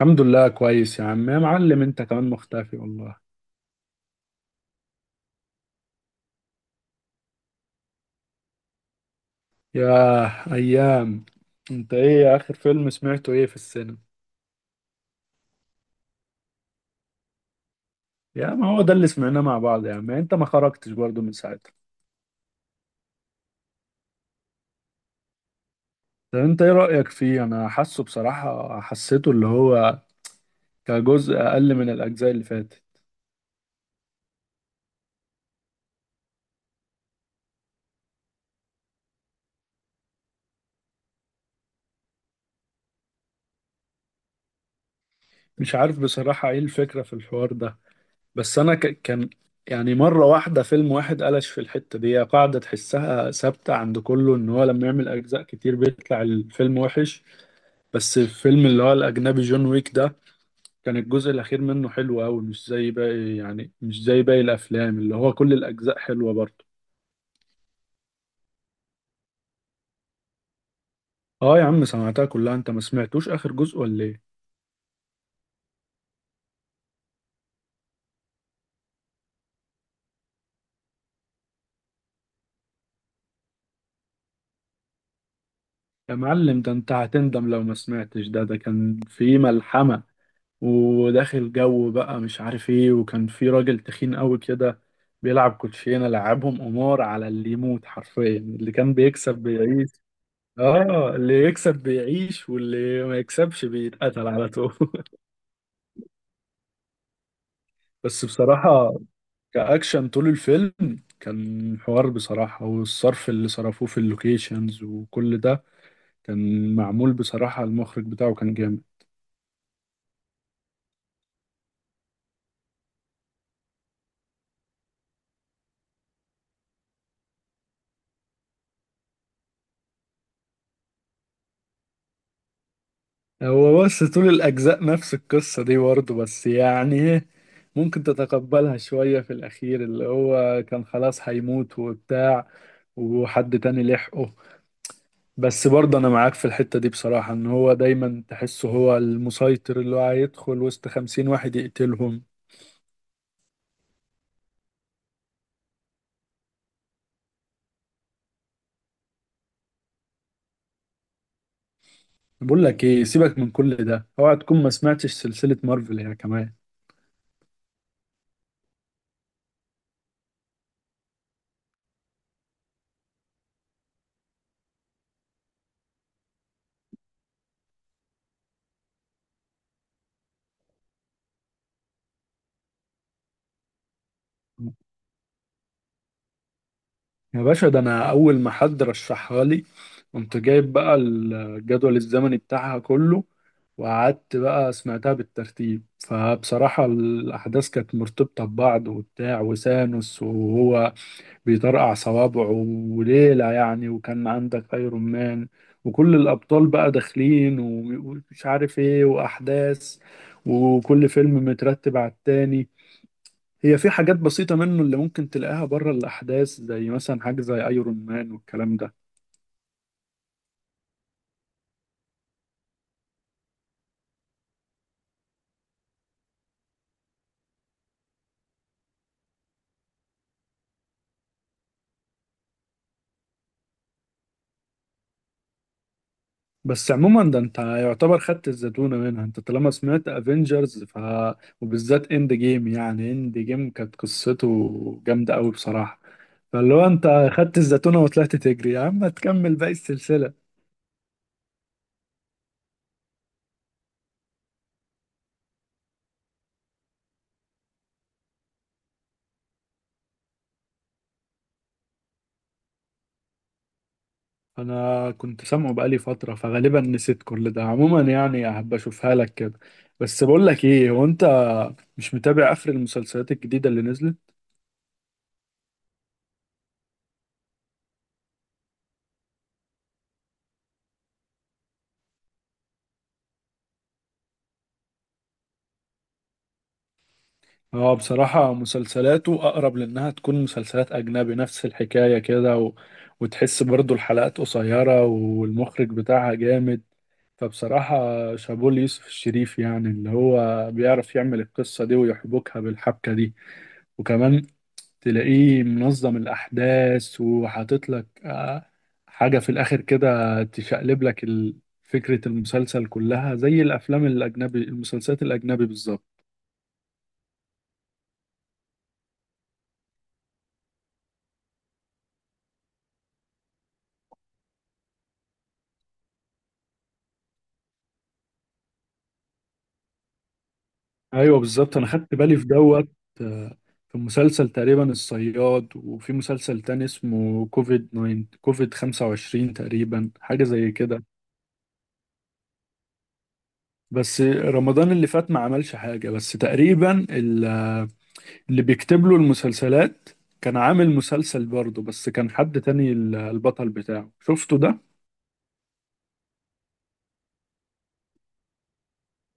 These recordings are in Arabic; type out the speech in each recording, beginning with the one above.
الحمد لله، كويس يا عم يا معلم، انت كمان مختفي والله. يا ايام! انت ايه اخر فيلم سمعته، ايه في السينما؟ يا ما هو ده اللي سمعناه مع بعض يا عم، يعني انت ما خرجتش برضه من ساعتها. طب انت ايه رأيك فيه، انا حاسه بصراحة حسيته اللي هو كجزء اقل من الاجزاء اللي فاتت. مش عارف بصراحة ايه الفكرة في الحوار ده. بس انا كان يعني مرة واحدة فيلم واحد قلش في الحتة دي، هي قاعدة تحسها ثابتة عند كله ان هو لما يعمل اجزاء كتير بيطلع الفيلم وحش. بس الفيلم اللي هو الأجنبي جون ويك ده كان الجزء الأخير منه حلو أوي، مش زي باقي يعني مش زي باقي الأفلام اللي هو كل الأجزاء حلوة برضه. آه يا عم سمعتها كلها، أنت ما سمعتوش آخر جزء ولا إيه؟ يا معلم ده أنت هتندم لو ما سمعتش، ده كان فيه ملحمة، وداخل جو بقى مش عارف إيه، وكان فيه راجل تخين أوي كده بيلعب كوتشينة، لعبهم قمار على اللي يموت حرفيا، اللي كان بيكسب بيعيش. آه اللي يكسب بيعيش واللي ما يكسبش بيتقتل على طول. بس بصراحة كأكشن طول الفيلم كان حوار بصراحة، والصرف اللي صرفوه في اللوكيشنز وكل ده كان معمول بصراحة، المخرج بتاعه كان جامد. هو بس طول الأجزاء نفس القصة دي برضه، بس يعني إيه، ممكن تتقبلها شوية في الأخير، اللي هو كان خلاص هيموت وبتاع وحد تاني لحقه. بس برضه أنا معاك في الحتة دي بصراحة، إن هو دايما تحسه هو المسيطر، اللي هو هيدخل وسط خمسين واحد يقتلهم. بقول لك ايه، سيبك من كل ده، اوعى تكون ما سمعتش سلسلة مارفل يا كمان. يا باشا ده انا اول ما حد رشحها لي قمت جايب بقى الجدول الزمني بتاعها كله، وقعدت بقى سمعتها بالترتيب، فبصراحة الأحداث كانت مرتبطة ببعض وبتاع، وسانوس وهو بيطرقع صوابعه وليلة يعني، وكان عندك أيرون مان وكل الأبطال بقى داخلين ومش عارف إيه وأحداث، وكل فيلم مترتب على التاني. هي في حاجات بسيطة منه اللي ممكن تلاقيها بره الأحداث، زي مثلا حاجة زي أيرون مان والكلام ده. بس عموما ده أنت يعتبر خدت الزتونة منها أنت طالما سمعت أفينجرز وبالذات إند جيم، يعني إند جيم كانت قصته جامدة أوي بصراحة، فاللي هو أنت خدت الزتونة وطلعت تجري يا عم تكمل باقي السلسلة. أنا كنت سامعه بقالي فترة فغالبا نسيت كل ده عموما يعني، هبقى أشوفها لك كده. بس بقول لك إيه، هو أنت مش متابع آخر المسلسلات الجديدة اللي نزلت؟ اه بصراحة مسلسلاته أقرب لأنها تكون مسلسلات أجنبي نفس الحكاية كده وتحس برضو الحلقات قصيرة والمخرج بتاعها جامد. فبصراحة شابوه ليوسف الشريف، يعني اللي هو بيعرف يعمل القصة دي ويحبكها بالحبكة دي، وكمان تلاقيه منظم الأحداث وحاطط لك حاجة في الآخر كده تشقلب لك فكرة المسلسل كلها زي الأفلام الأجنبي المسلسلات الأجنبي بالظبط. ايوه بالظبط انا خدت بالي في دوت آه، في مسلسل تقريبا الصياد، وفي مسلسل تاني اسمه كوفيد 9 كوفيد 25 تقريبا حاجه زي كده. بس رمضان اللي فات ما عملش حاجه، بس تقريبا اللي بيكتب له المسلسلات كان عامل مسلسل برضه، بس كان حد تاني البطل بتاعه شفته ده.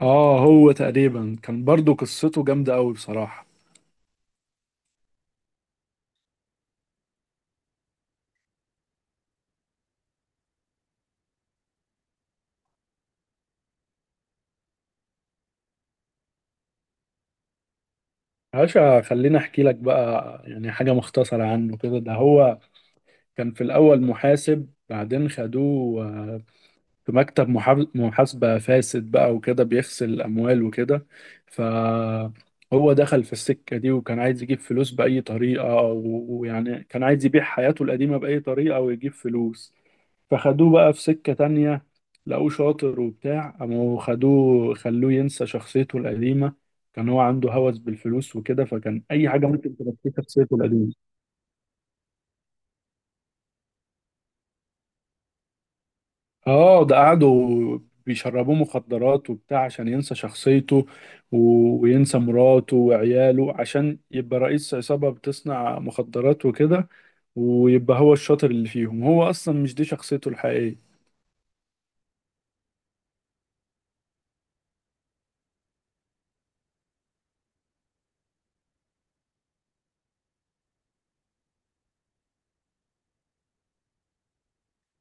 اه هو تقريبا كان برضه قصته جامده قوي بصراحه. عاشا خليني احكي لك بقى يعني حاجه مختصره عنه كده، ده هو كان في الأول محاسب، بعدين خدوه في مكتب محاسبة فاسد بقى وكده بيغسل أموال وكده، فهو دخل في السكة دي وكان عايز يجيب فلوس بأي طريقة، و- ويعني كان عايز يبيع حياته القديمة بأي طريقة ويجيب فلوس، فخدوه بقى في سكة تانية، لقوه شاطر وبتاع قاموا خدوه خلوه ينسى شخصيته القديمة. كان هو عنده هوس بالفلوس وكده، فكان أي حاجة ممكن تنسيه شخصيته القديمة. اه ده قعدوا بيشربوه مخدرات وبتاع عشان ينسى شخصيته، و- وينسى مراته وعياله عشان يبقى رئيس عصابة بتصنع مخدرات وكده، ويبقى هو الشاطر اللي فيهم، هو اصلا مش دي شخصيته الحقيقية.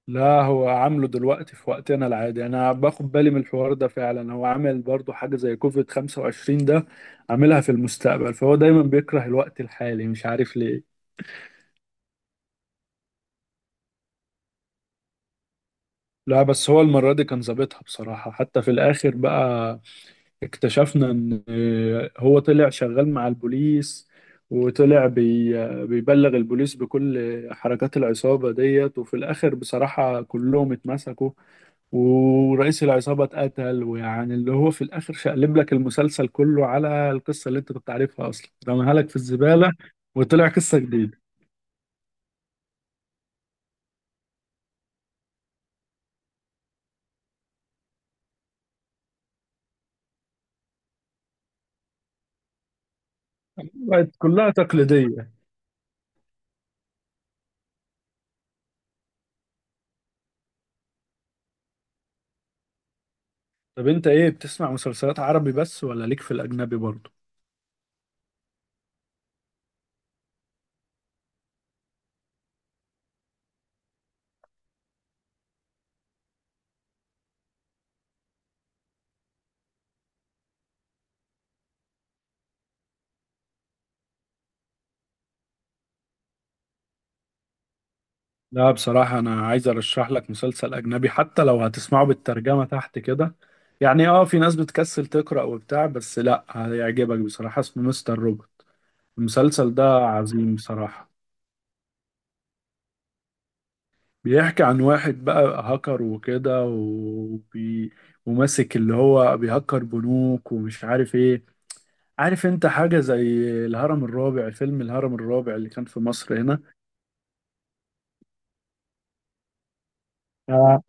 لا هو عامله دلوقتي في وقتنا العادي، انا باخد بالي من الحوار ده فعلا، هو عامل برضو حاجة زي كوفيد 25 ده عاملها في المستقبل، فهو دايما بيكره الوقت الحالي مش عارف ليه. لا بس هو المرة دي كان ظابطها بصراحة، حتى في الآخر بقى اكتشفنا ان هو طلع شغال مع البوليس، وطلع بيبلغ البوليس بكل حركات العصابة ديت، وفي الآخر بصراحة كلهم اتمسكوا، ورئيس العصابة اتقتل، ويعني اللي هو في الآخر شقلب لك المسلسل كله على القصة اللي انت كنت عارفها أصلا، رماها لك في الزبالة وطلع قصة جديدة بقت كلها تقليدية. طب انت ايه بتسمع مسلسلات عربي بس ولا ليك في الأجنبي برضه؟ لا بصراحة أنا عايز أرشح لك مسلسل أجنبي، حتى لو هتسمعه بالترجمة تحت كده، يعني في ناس بتكسل تقرأ وبتاع، بس لأ هيعجبك بصراحة اسمه مستر روبوت، المسلسل ده عظيم بصراحة. بيحكي عن واحد بقى هاكر وكده وماسك اللي هو بيهكر بنوك ومش عارف إيه. عارف أنت حاجة زي الهرم الرابع، فيلم الهرم الرابع اللي كان في مصر هنا.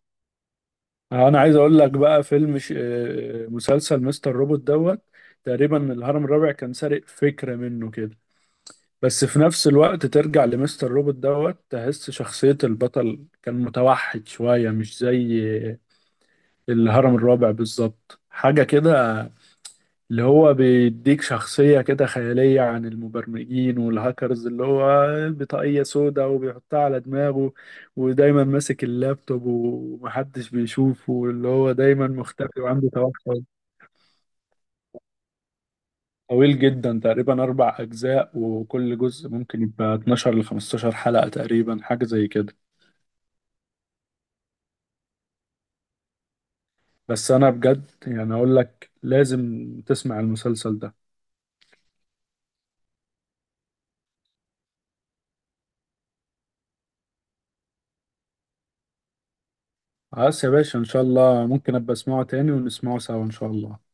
انا عايز اقول لك بقى فيلم ش... آه، مسلسل مستر روبوت دوت تقريبا الهرم الرابع كان سارق فكرة منه كده، بس في نفس الوقت ترجع لمستر روبوت دوت تحس شخصية البطل كان متوحد شوية، مش زي الهرم الرابع بالظبط حاجة كده، اللي هو بيديك شخصية كده خيالية عن المبرمجين والهاكرز، اللي هو بطاقية سودا وبيحطها على دماغه ودايما ماسك اللابتوب ومحدش بيشوفه، واللي هو دايما مختفي وعنده توحد. طويل جدا تقريبا أربع أجزاء، وكل جزء ممكن يبقى 12 ل 15 حلقة تقريبا حاجة زي كده. بس أنا بجد يعني أقول لك لازم تسمع المسلسل ده. خلاص يا باشا إن شاء الله، ممكن أبقى أسمعه تاني ونسمعه سوا إن شاء الله.